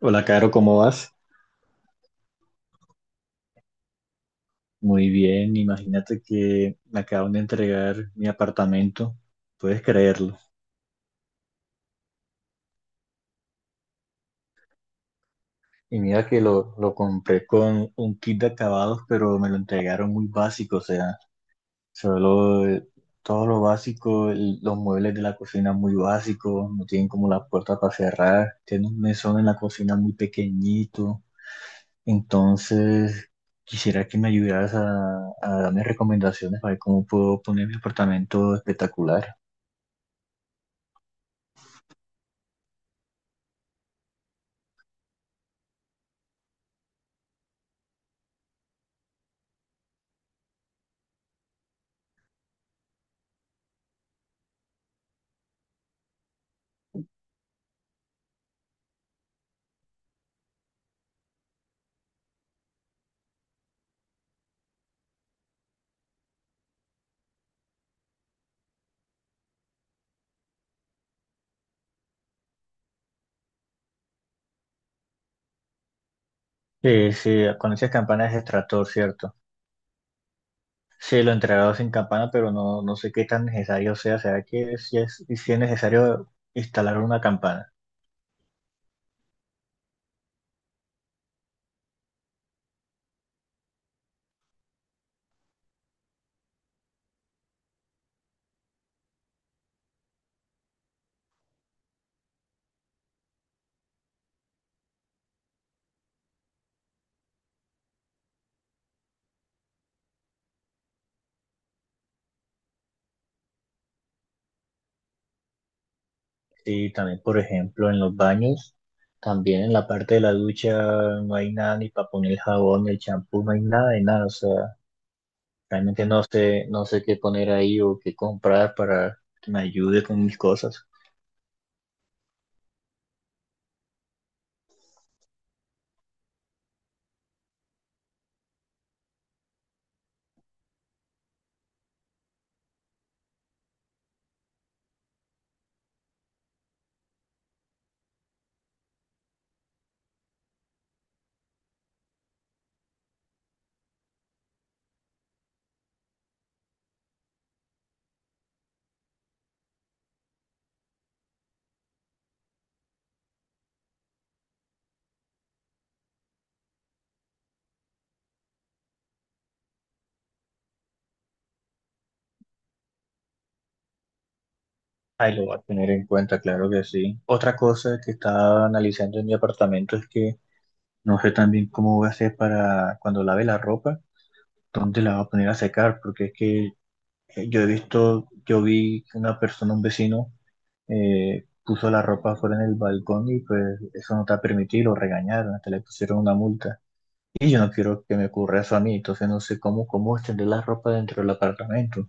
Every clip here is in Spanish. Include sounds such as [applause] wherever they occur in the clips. Hola, Caro, ¿cómo vas? Muy bien, imagínate que me acaban de entregar mi apartamento, puedes creerlo. Y mira que lo compré con un kit de acabados, pero me lo entregaron muy básico, o sea, solo todo lo básico, los muebles de la cocina muy básicos, no tienen como la puerta para cerrar, tiene un mesón en la cocina muy pequeñito, entonces quisiera que me ayudaras a darme recomendaciones para ver cómo puedo poner mi apartamento espectacular. Sí, sí, con esas campanas de extractor, ¿cierto? Sí, lo he entregado sin campana, pero no, no sé qué tan necesario sea. ¿Será que sí es necesario instalar una campana? Sí, también, por ejemplo, en los baños, también en la parte de la ducha no hay nada ni para poner el jabón, el champú, no hay nada de nada. O sea, realmente no sé qué poner ahí o qué comprar para que me ayude con mis cosas. Ahí lo voy a tener en cuenta, claro que sí. Otra cosa que estaba analizando en mi apartamento es que no sé también cómo voy a hacer para cuando lave la ropa, dónde la voy a poner a secar, porque es que yo vi que una persona, un vecino, puso la ropa fuera en el balcón y pues eso no está permitido, lo regañaron, hasta le pusieron una multa. Y yo no quiero que me ocurra eso a mí, entonces no sé cómo extender la ropa dentro del apartamento.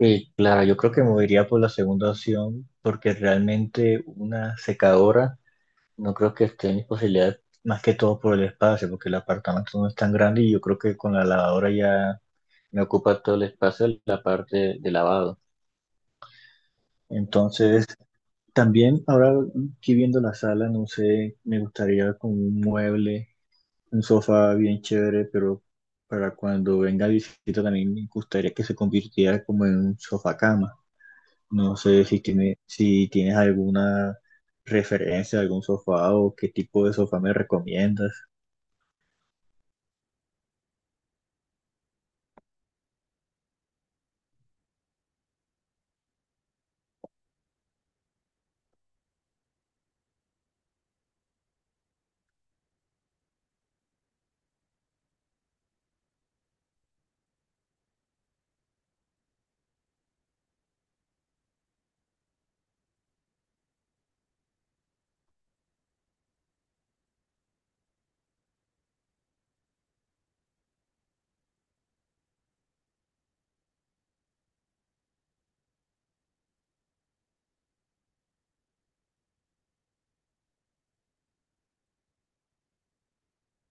Claro, yo creo que me iría por la segunda opción, porque realmente una secadora no creo que esté en mis posibilidades, más que todo por el espacio, porque el apartamento no es tan grande y yo creo que con la lavadora ya me ocupa todo el espacio la parte de lavado. Entonces, también ahora aquí viendo la sala, no sé, me gustaría con un mueble, un sofá bien chévere, pero para cuando venga visita también me gustaría que se convirtiera como en un sofá cama. No sé si tienes alguna referencia, algún sofá o qué tipo de sofá me recomiendas.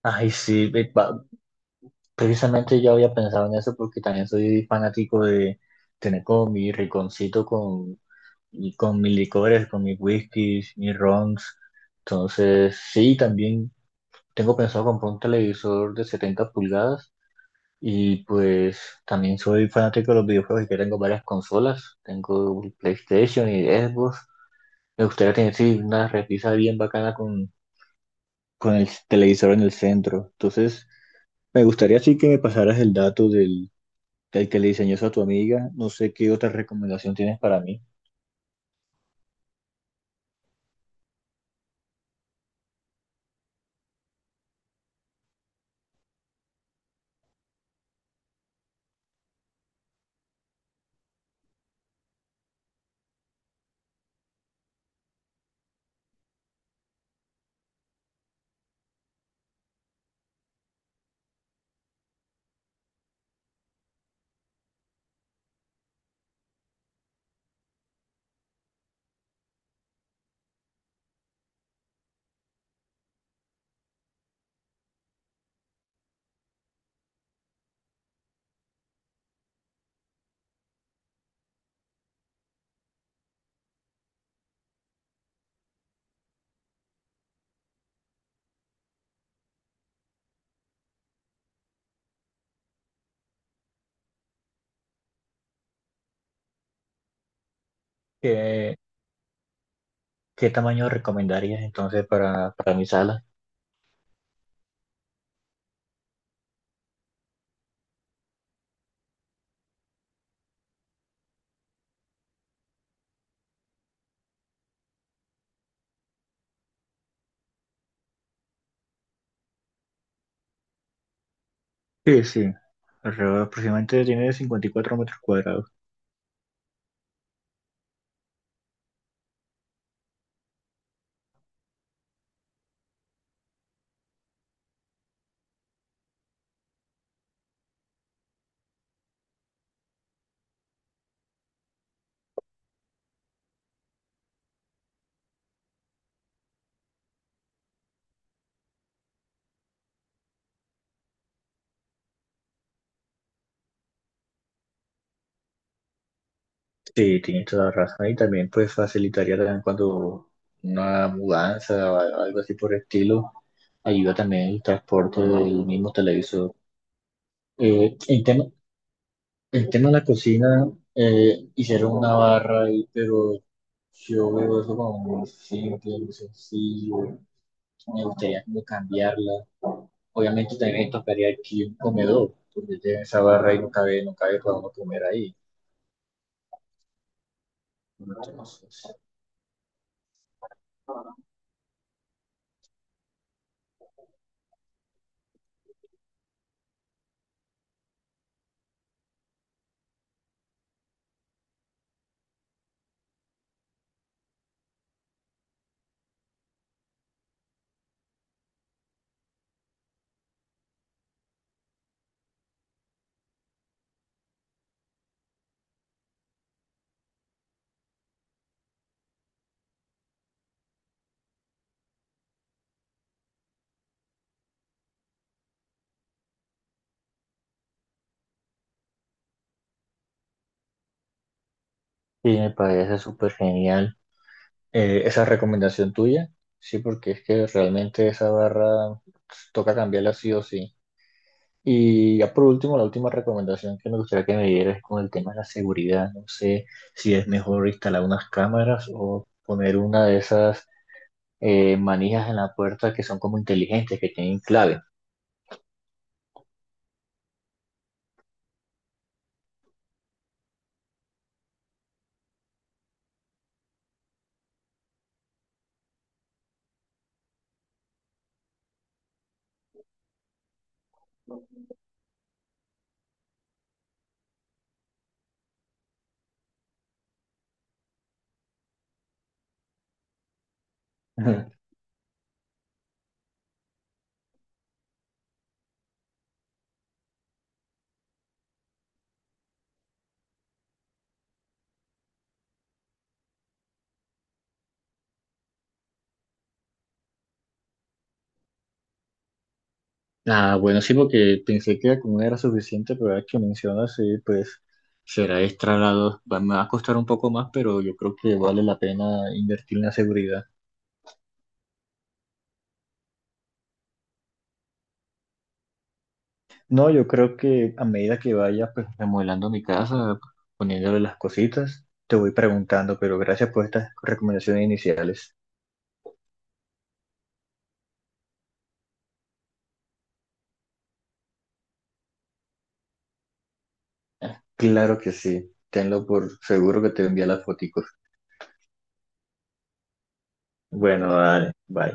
Ay, sí, precisamente yo había pensado en eso porque también soy fanático de tener como mi rinconcito y con mis licores, con mis whiskies, mis rons. Entonces, sí, también tengo pensado comprar un televisor de 70 pulgadas y pues también soy fanático de los videojuegos y que tengo varias consolas. Tengo el PlayStation y Xbox. Me gustaría tener sí, una repisa bien bacana con el televisor en el centro. Entonces, me gustaría sí que me pasaras el dato del que le diseñó eso a tu amiga. No sé qué otra recomendación tienes para mí. ¿Qué, ¿qué tamaño recomendarías entonces para mi sala? Sí, sí. Alrededor aproximadamente tiene 54 metros cuadrados. Sí, tienes toda la razón. Y también pues facilitaría también cuando una mudanza o algo así por el estilo. Ayuda también el transporte del mismo televisor. Eh, en tema, en tema de la cocina, hicieron una barra ahí, pero yo veo eso como muy simple, muy sencillo. Me gustaría como cambiarla. Obviamente también me tocaría aquí un comedor, porque tiene esa barra y no cabe para uno comer ahí. Entonces, sí, me parece súper genial esa recomendación tuya. Sí, porque es que realmente esa barra pues, toca cambiarla sí o sí. Y ya por último, la última recomendación que me gustaría que me dieras es con el tema de la seguridad. No sé si es mejor instalar unas cámaras o poner una de esas manijas en la puerta que son como inteligentes, que tienen clave. [laughs] Ujú. Ah, bueno, sí, porque pensé que con una era suficiente, pero ahora que mencionas, sí, pues será extra la me va a costar un poco más, pero yo creo que vale la pena invertir en la seguridad. No, yo creo que a medida que vaya pues, remodelando mi casa, poniéndole las cositas, te voy preguntando, pero gracias por estas recomendaciones iniciales. Claro que sí, tenlo por seguro que te envía las foticos. Bueno, dale, bye.